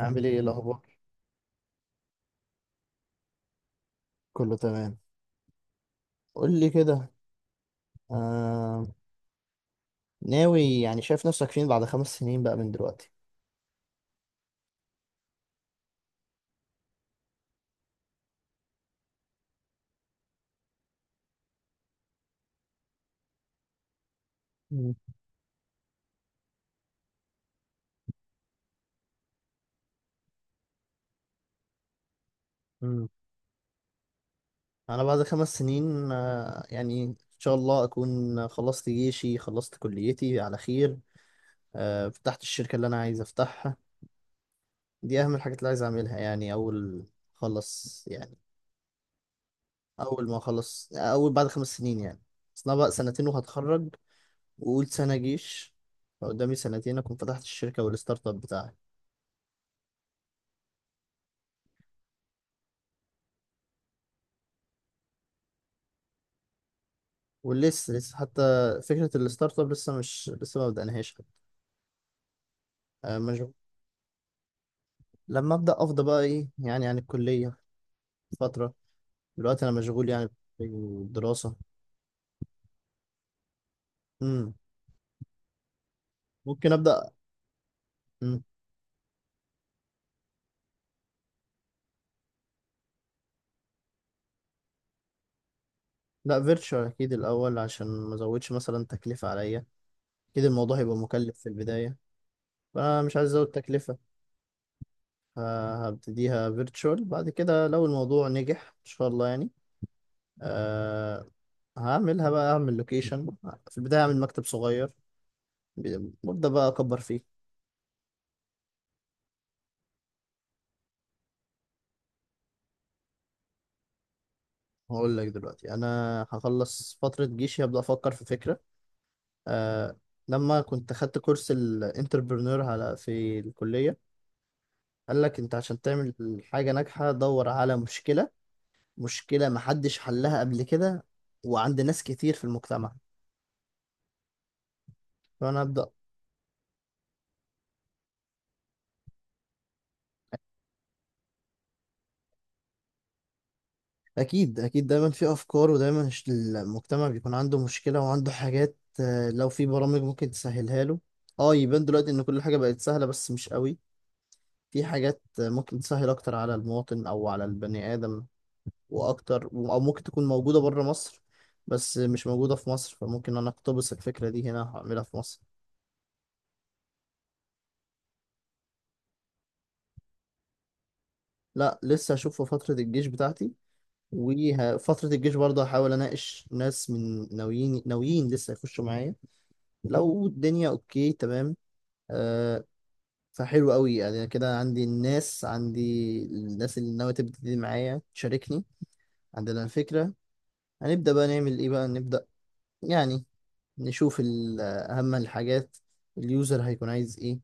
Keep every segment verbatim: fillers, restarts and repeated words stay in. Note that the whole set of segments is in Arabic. عامل ايه الاخبار؟ كله تمام. قول لي كده. آه... ناوي، يعني شايف نفسك فين بعد خمس سنين بقى من دلوقتي؟ مم. مم. انا بعد خمس سنين آه... يعني ان شاء الله اكون خلصت جيشي، خلصت كليتي على خير. آه... فتحت الشركة اللي انا عايز افتحها. دي اهم الحاجات اللي عايز اعملها، يعني اول خلص يعني، اول ما اخلص، اول بعد خمس سنين يعني. اصل انا بقى سنتين وهتخرج وقول سنة جيش، فقدامي سنتين اكون فتحت الشركة والستارت اب بتاعي. ولسه لسه حتى فكرة الستارت اب لسه مش لسه ما بدأناهاش. آه، مشغول. لما أبدأ أفضى بقى، إيه يعني عن الكلية فترة، دلوقتي أنا مشغول يعني بالدراسة. مم. ممكن أبدأ. مم. لا فيرتشوال أكيد الأول، عشان ما أزودش مثلا تكلفة عليا. أكيد الموضوع هيبقى مكلف في البداية، فأنا مش عايز أزود تكلفة. فهبتديها فيرتشوال، بعد كده لو الموضوع نجح إن شاء الله يعني، أه، هعملها بقى، أعمل لوكيشن. في البداية أعمل مكتب صغير وأبدأ بقى أكبر فيه. هقول لك دلوقتي، انا هخلص فتره جيشي، هبدا افكر في فكره. آه لما كنت خدت كورس الانتربرنور على في الكليه، قال لك انت عشان تعمل حاجه ناجحه دور على مشكله، مشكله محدش حلها قبل كده وعند ناس كتير في المجتمع، فانا ابدا. اكيد اكيد، دايما في افكار، ودايما الش- المجتمع بيكون عنده مشكله وعنده حاجات. آه، لو في برامج ممكن تسهلها له. اه، يبان دلوقتي ان كل حاجه بقت سهله بس مش قوي. في حاجات ممكن تسهل أكتر على المواطن أو على البني آدم وأكتر، أو ممكن تكون موجودة بره مصر بس مش موجودة في مصر، فممكن أنا أقتبس الفكرة دي هنا هعملها في مصر. لا لسه هشوف في فترة الجيش بتاعتي. وفترة الجيش برضه هحاول أناقش ناس، من ناويين ناويين لسه يخشوا معايا. لو الدنيا أوكي تمام، أه، فحلو قوي يعني، كده عندي الناس، عندي الناس اللي ناوية تبتدي معايا تشاركني، عندنا الفكرة. هنبدأ بقى نعمل إيه، بقى نبدأ يعني نشوف ال- أهم الحاجات. اليوزر هيكون عايز إيه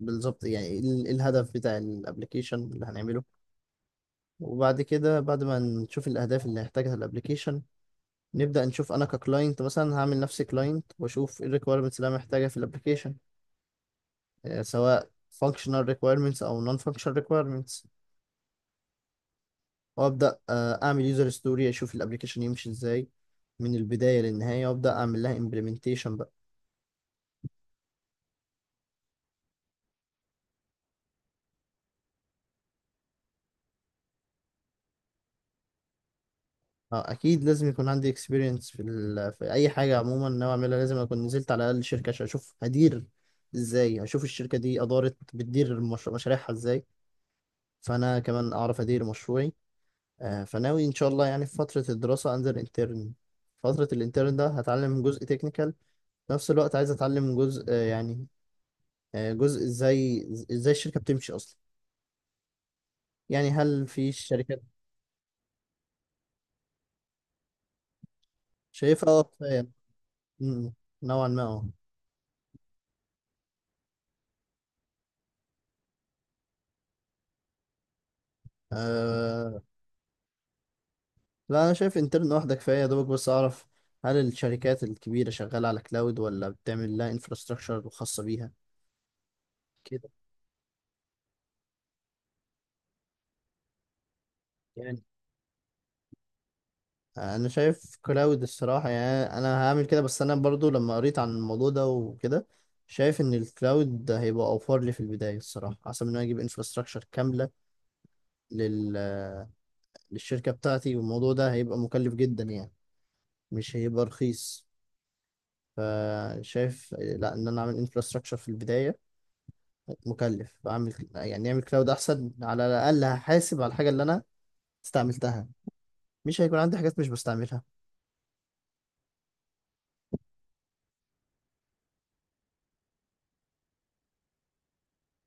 بالظبط، يعني إيه ال- الهدف بتاع الابلكيشن اللي هنعمله. وبعد كده، بعد ما نشوف الأهداف اللي هيحتاجها الابلكيشن، نبدأ نشوف أنا ككلاينت مثلا، هعمل نفسي كلاينت وأشوف إيه الريكويرمنتس اللي أنا محتاجها في الابلكيشن، سواء functional requirements أو non functional requirements. وأبدأ آه، أعمل يوزر ستوري، أشوف الابلكيشن يمشي إزاي من البداية للنهاية، وأبدأ أعمل لها implementation. اه اكيد، لازم يكون عندي اكسبيرينس في, ال... في اي حاجه. عموما ناوي اعملها لازم اكون نزلت على الاقل شركه عشان اشوف هدير ازاي، اشوف الشركه دي ادارت بتدير مش... مشاريعها ازاي، فانا كمان اعرف ادير مشروعي. آه، فناوي ان شاء الله يعني في فتره الدراسه انزل انترن. فتره الانترن ده هتعلم جزء تكنيكال، في نفس الوقت عايز اتعلم جزء آه، يعني آه، جزء ازاي ازاي الشركه بتمشي اصلا. يعني هل في شركات. شايفها اه كفايه. م- نوعا ما. اه لا انا شايف انترن واحده كفايه، يا دوبك بس اعرف هل الشركات الكبيره شغاله على كلاود ولا بتعمل لها انفراستراكشر خاصه بيها، كده يعني. انا شايف كلاود الصراحه، يعني انا هعمل كده. بس انا برضو لما قريت عن الموضوع ده وكده، شايف ان الكلاود ده هيبقى اوفر لي في البدايه الصراحه، احسن من إن انا اجيب انفراستراكشر كامله لل للشركه بتاعتي، والموضوع ده هيبقى مكلف جدا يعني، مش هيبقى رخيص. فشايف لا، ان انا اعمل انفراستراكشر في البدايه مكلف، اعمل يعني اعمل كلاود احسن، على الاقل هحاسب على الحاجه اللي انا استعملتها، مش هيكون عندي حاجات مش بستعملها.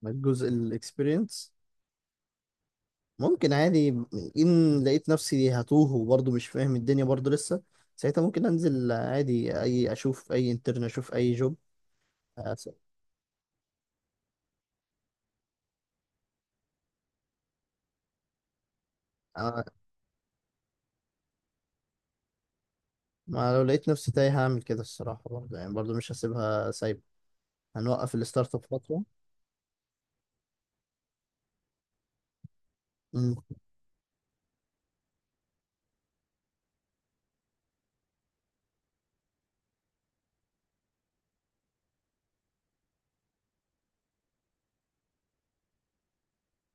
جزء الاكسبيرينس ممكن عادي، ان لقيت نفسي هتوه وبرضه مش فاهم الدنيا برضه لسه، ساعتها ممكن انزل عادي، اي اشوف اي انترن، اشوف اي جوب. أس- أنا- ما لو لقيت نفسي تايه هعمل كده الصراحه، برضه يعني، برضه مش هسيبها سايبه، هنوقف الستارت اب فتره.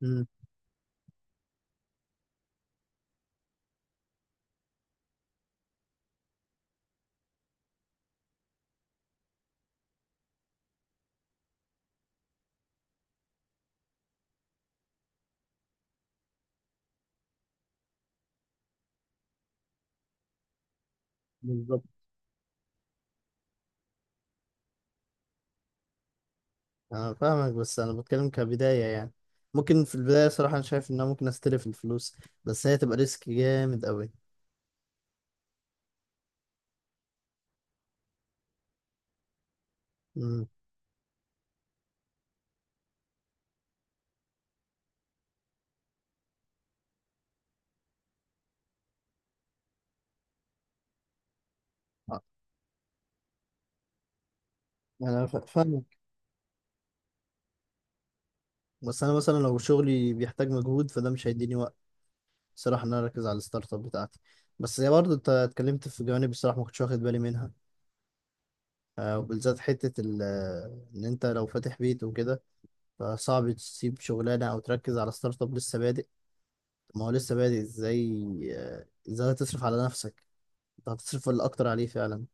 امم. بالظبط. انا فاهمك، بس انا بتكلم كبداية يعني. ممكن في البداية صراحة انا شايف ان انا ممكن استلف الفلوس، بس هي تبقى ريسك جامد قوي. امم. انا فا- فاهمك. بس انا مثلا لو شغلي بيحتاج مجهود فده مش هيديني وقت صراحة ان انا اركز على الستارت اب بتاعتي. بس هي برضه، انت اتكلمت في جوانب الصراحة ما كنتش واخد بالي منها. آه، وبالذات حتة ال- آه، ان انت لو فاتح بيت وكده، فصعب تسيب شغلانة او تركز على ستارت اب لسه بادئ. ما هو لسه بادئ ازاي، آه، ازاي هتصرف على نفسك، انت هتصرف ولا اكتر عليه فعلا؟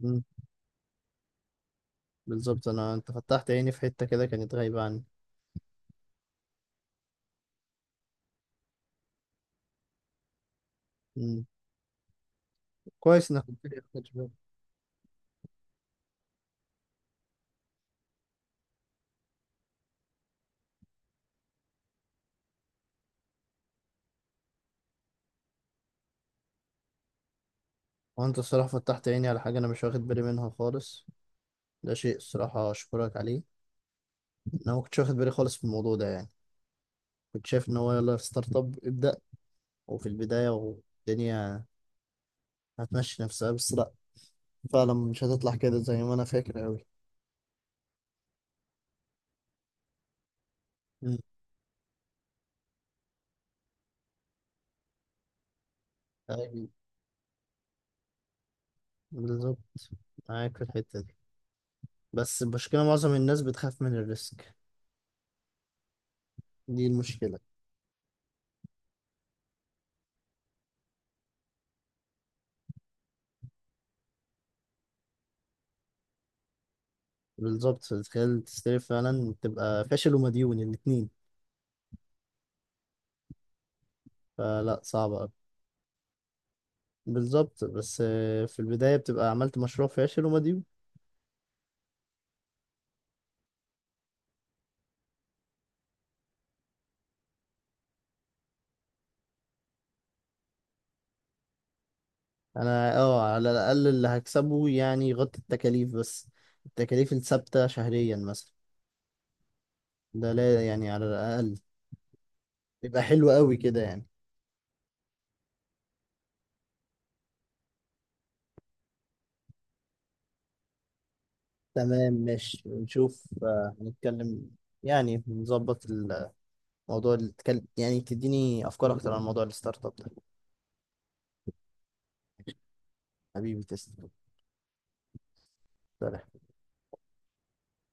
مم. بالظبط، انا انت فتحت عيني في حتة كده كانت غايبة عني. مم. كويس انك قلت لي، أخد بالي. وانت الصراحة فتحت عيني على حاجة انا مش واخد بالي منها خالص، ده شيء الصراحة اشكرك عليه. انا ما كنتش واخد بالي خالص في الموضوع ده يعني، كنت شايف ان هو يلا ستارت اب ابدأ، وفي البداية والدنيا هتمشي نفسها بس. فعلا مش هتطلع كده زي ما انا فاكر قوي. مم. أيوة، بالظبط، معاك في الحتة دي. بس المشكلة معظم الناس بتخاف من الريسك، دي المشكلة. بالظبط، فتخيل تستلف فعلا تبقى فاشل ومديون الاتنين، فلا صعبة أوي. بالظبط، بس آه، في البداية بتبقى عملت مشروع فاشل ومديون. أنا اه، على الأقل اللي هكسبه يعني يغطي التكاليف بس، التكاليف الثابتة شهريا مثلا، ده لا يعني على الأقل يبقى حلو قوي كده يعني. تمام ماشي، نشوف آه، هنتكلم يعني، نظبط الموضوع اللي تكلم يعني، تديني أفكار أكتر عن موضوع الستارت اب ده. حبيبي تسلم. سلام.